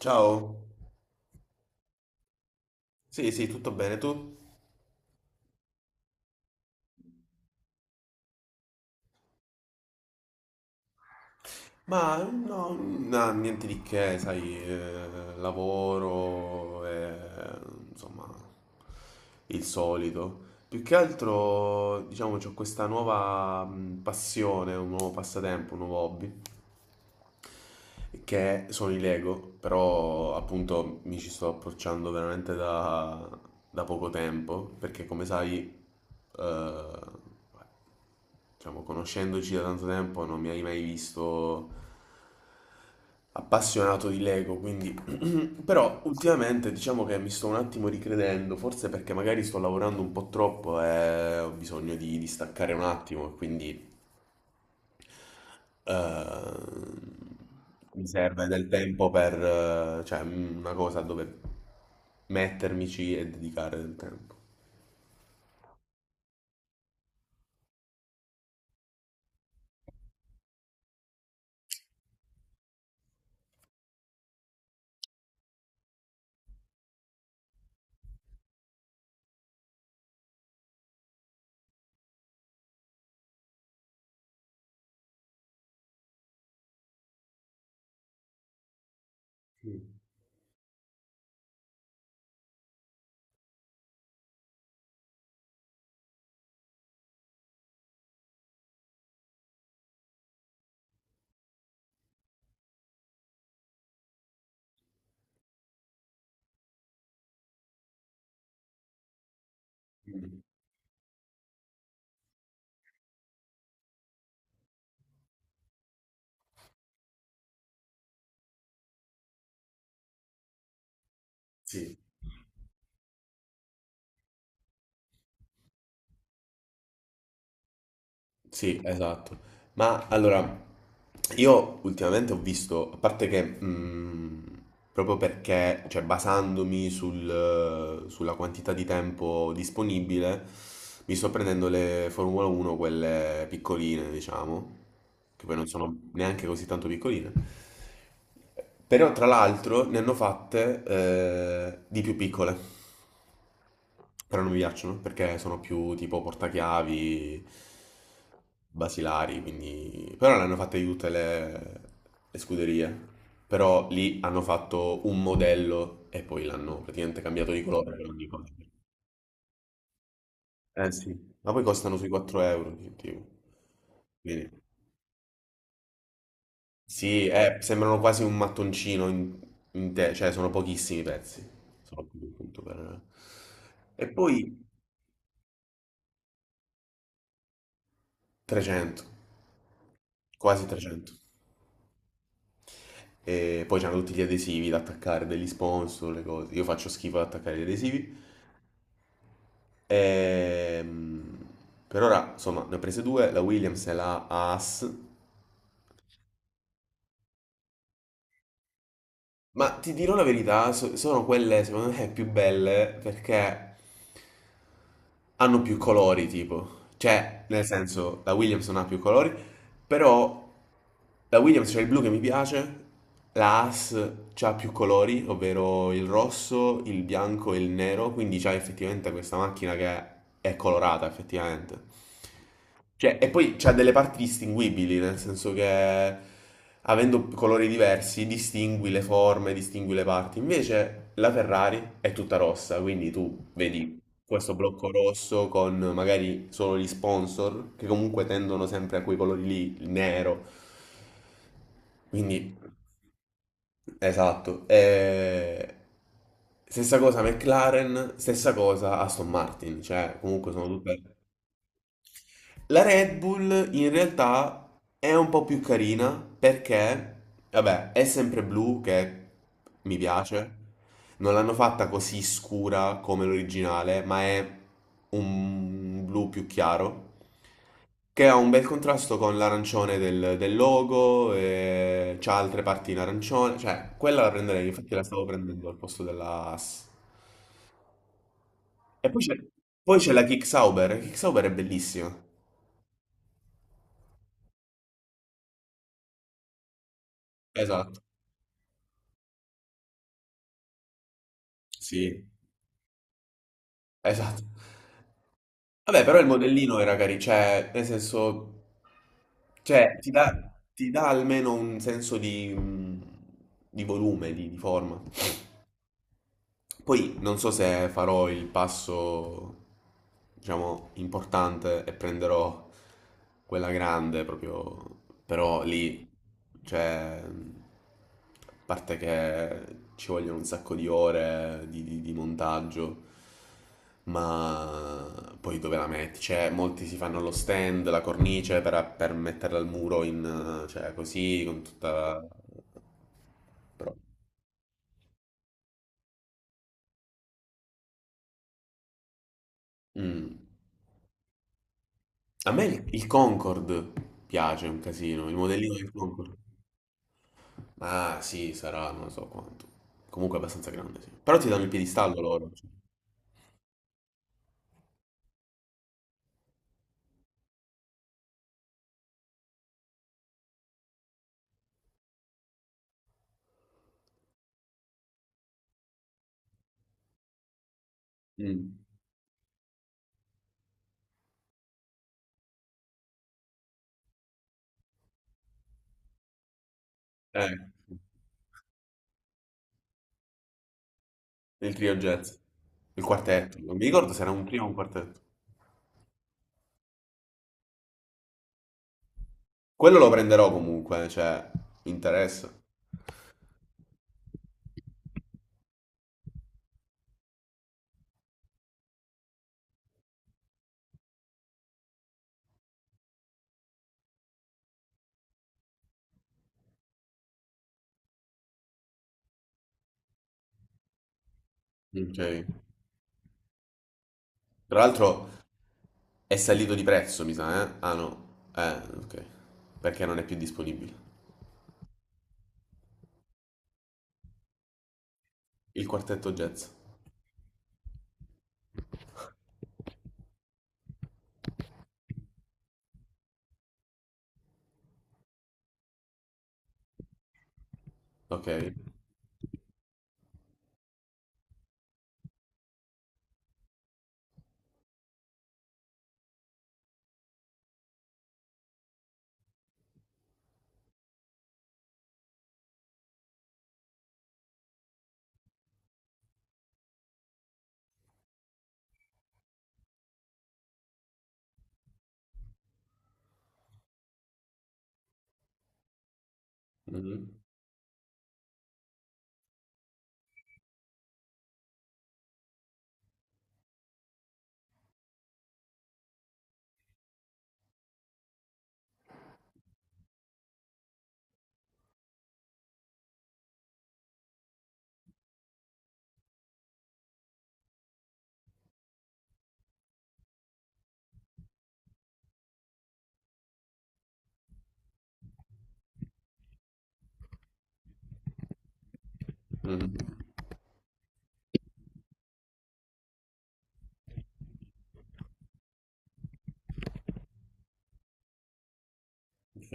Ciao, sì, sì, tutto bene tu? Ma no, no, niente di che, sai, lavoro, insomma, il solito. Più che altro, diciamo, ho questa nuova passione, un nuovo passatempo, un nuovo hobby. Che sono i Lego, però appunto mi ci sto approcciando veramente da, poco tempo, perché come sai, eh, diciamo, conoscendoci da tanto tempo non mi hai mai visto appassionato di Lego, quindi però ultimamente diciamo che mi sto un attimo ricredendo, forse perché magari sto lavorando un po' troppo e ho bisogno di staccare un attimo, e quindi Ehm, mi serve del tempo per, cioè, una cosa dove mettermici e dedicare del tempo. Mm. Sì. Sì, esatto. Ma allora, io ultimamente ho visto, a parte che proprio perché, cioè basandomi sulla quantità di tempo disponibile, mi sto prendendo le Formula 1, quelle piccoline, diciamo, che poi non sono neanche così tanto piccoline. Però tra l'altro ne hanno fatte di più piccole, però non mi piacciono perché sono più tipo portachiavi, basilari, quindi. Però le hanno fatte di tutte le scuderie, però lì hanno fatto un modello e poi l'hanno praticamente cambiato di colore per ogni cosa. Eh sì, ma poi costano sui 4 euro, tipo. Quindi. Sì, sembrano quasi un mattoncino in te, cioè sono pochissimi pezzi. Sono pochi, appunto per, e poi 300, quasi 300. E poi c'hanno tutti gli adesivi da attaccare, degli sponsor, le cose. Io faccio schifo ad attaccare gli adesivi. Ehm, per ora, insomma, ne ho prese due, la Williams e la Haas. Ma ti dirò la verità, sono quelle secondo me più belle perché hanno più colori, tipo. Cioè, nel senso, la Williams non ha più colori, però la Williams c'è il blu che mi piace, la Haas c'ha più colori, ovvero il rosso, il bianco e il nero, quindi c'ha effettivamente questa macchina che è colorata, effettivamente. Cioè, e poi c'ha delle parti distinguibili, nel senso che avendo colori diversi distingui le forme, distingui le parti. Invece la Ferrari è tutta rossa, quindi tu vedi questo blocco rosso con magari solo gli sponsor, che comunque tendono sempre a quei colori lì, il nero. Quindi, esatto. E. Stessa cosa McLaren, stessa cosa Aston Martin, cioè comunque sono tutte. La Red Bull in realtà è un po' più carina perché, vabbè, è sempre blu che mi piace. Non l'hanno fatta così scura come l'originale, ma è un blu più chiaro che ha un bel contrasto con l'arancione del logo e c'ha altre parti in arancione, cioè quella la prenderei, infatti la stavo prendendo al posto della Haas. E poi c'è la Kick Sauber è bellissima. Esatto, sì, esatto. Vabbè, però il modellino era carino, cioè, nel senso, cioè, ti dà almeno un senso di volume, di forma. Poi non so se farò il passo, diciamo, importante e prenderò quella grande proprio, però lì, cioè, a parte che ci vogliono un sacco di ore di, di montaggio, ma poi dove la metti? Cioè, molti si fanno lo stand, la cornice per metterla al muro cioè, così, con tutta. Mm. A me il Concorde piace un casino, il modellino del Concorde. Ah, sì, sarà, non so quanto. Comunque è abbastanza grande, sì. Però ti danno il piedistallo loro. Cioè. Mm. Eh, il trio jazz. Il quartetto. Non mi ricordo se era un trio o un quartetto. Quello lo prenderò comunque, cioè, mi interessa. Ok. Tra l'altro è salito di prezzo, mi sa, eh? Ah, no. Eh, ok. Perché non è più disponibile. Il quartetto jazz. Ok. Mhm. Mhm. Ok.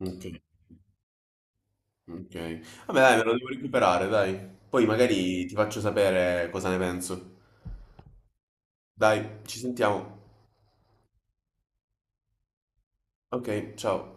Ok. Ok. Vabbè, dai, me lo devo recuperare, dai. Poi magari ti faccio sapere cosa ne penso. Dai, ci sentiamo. Ok, ciao.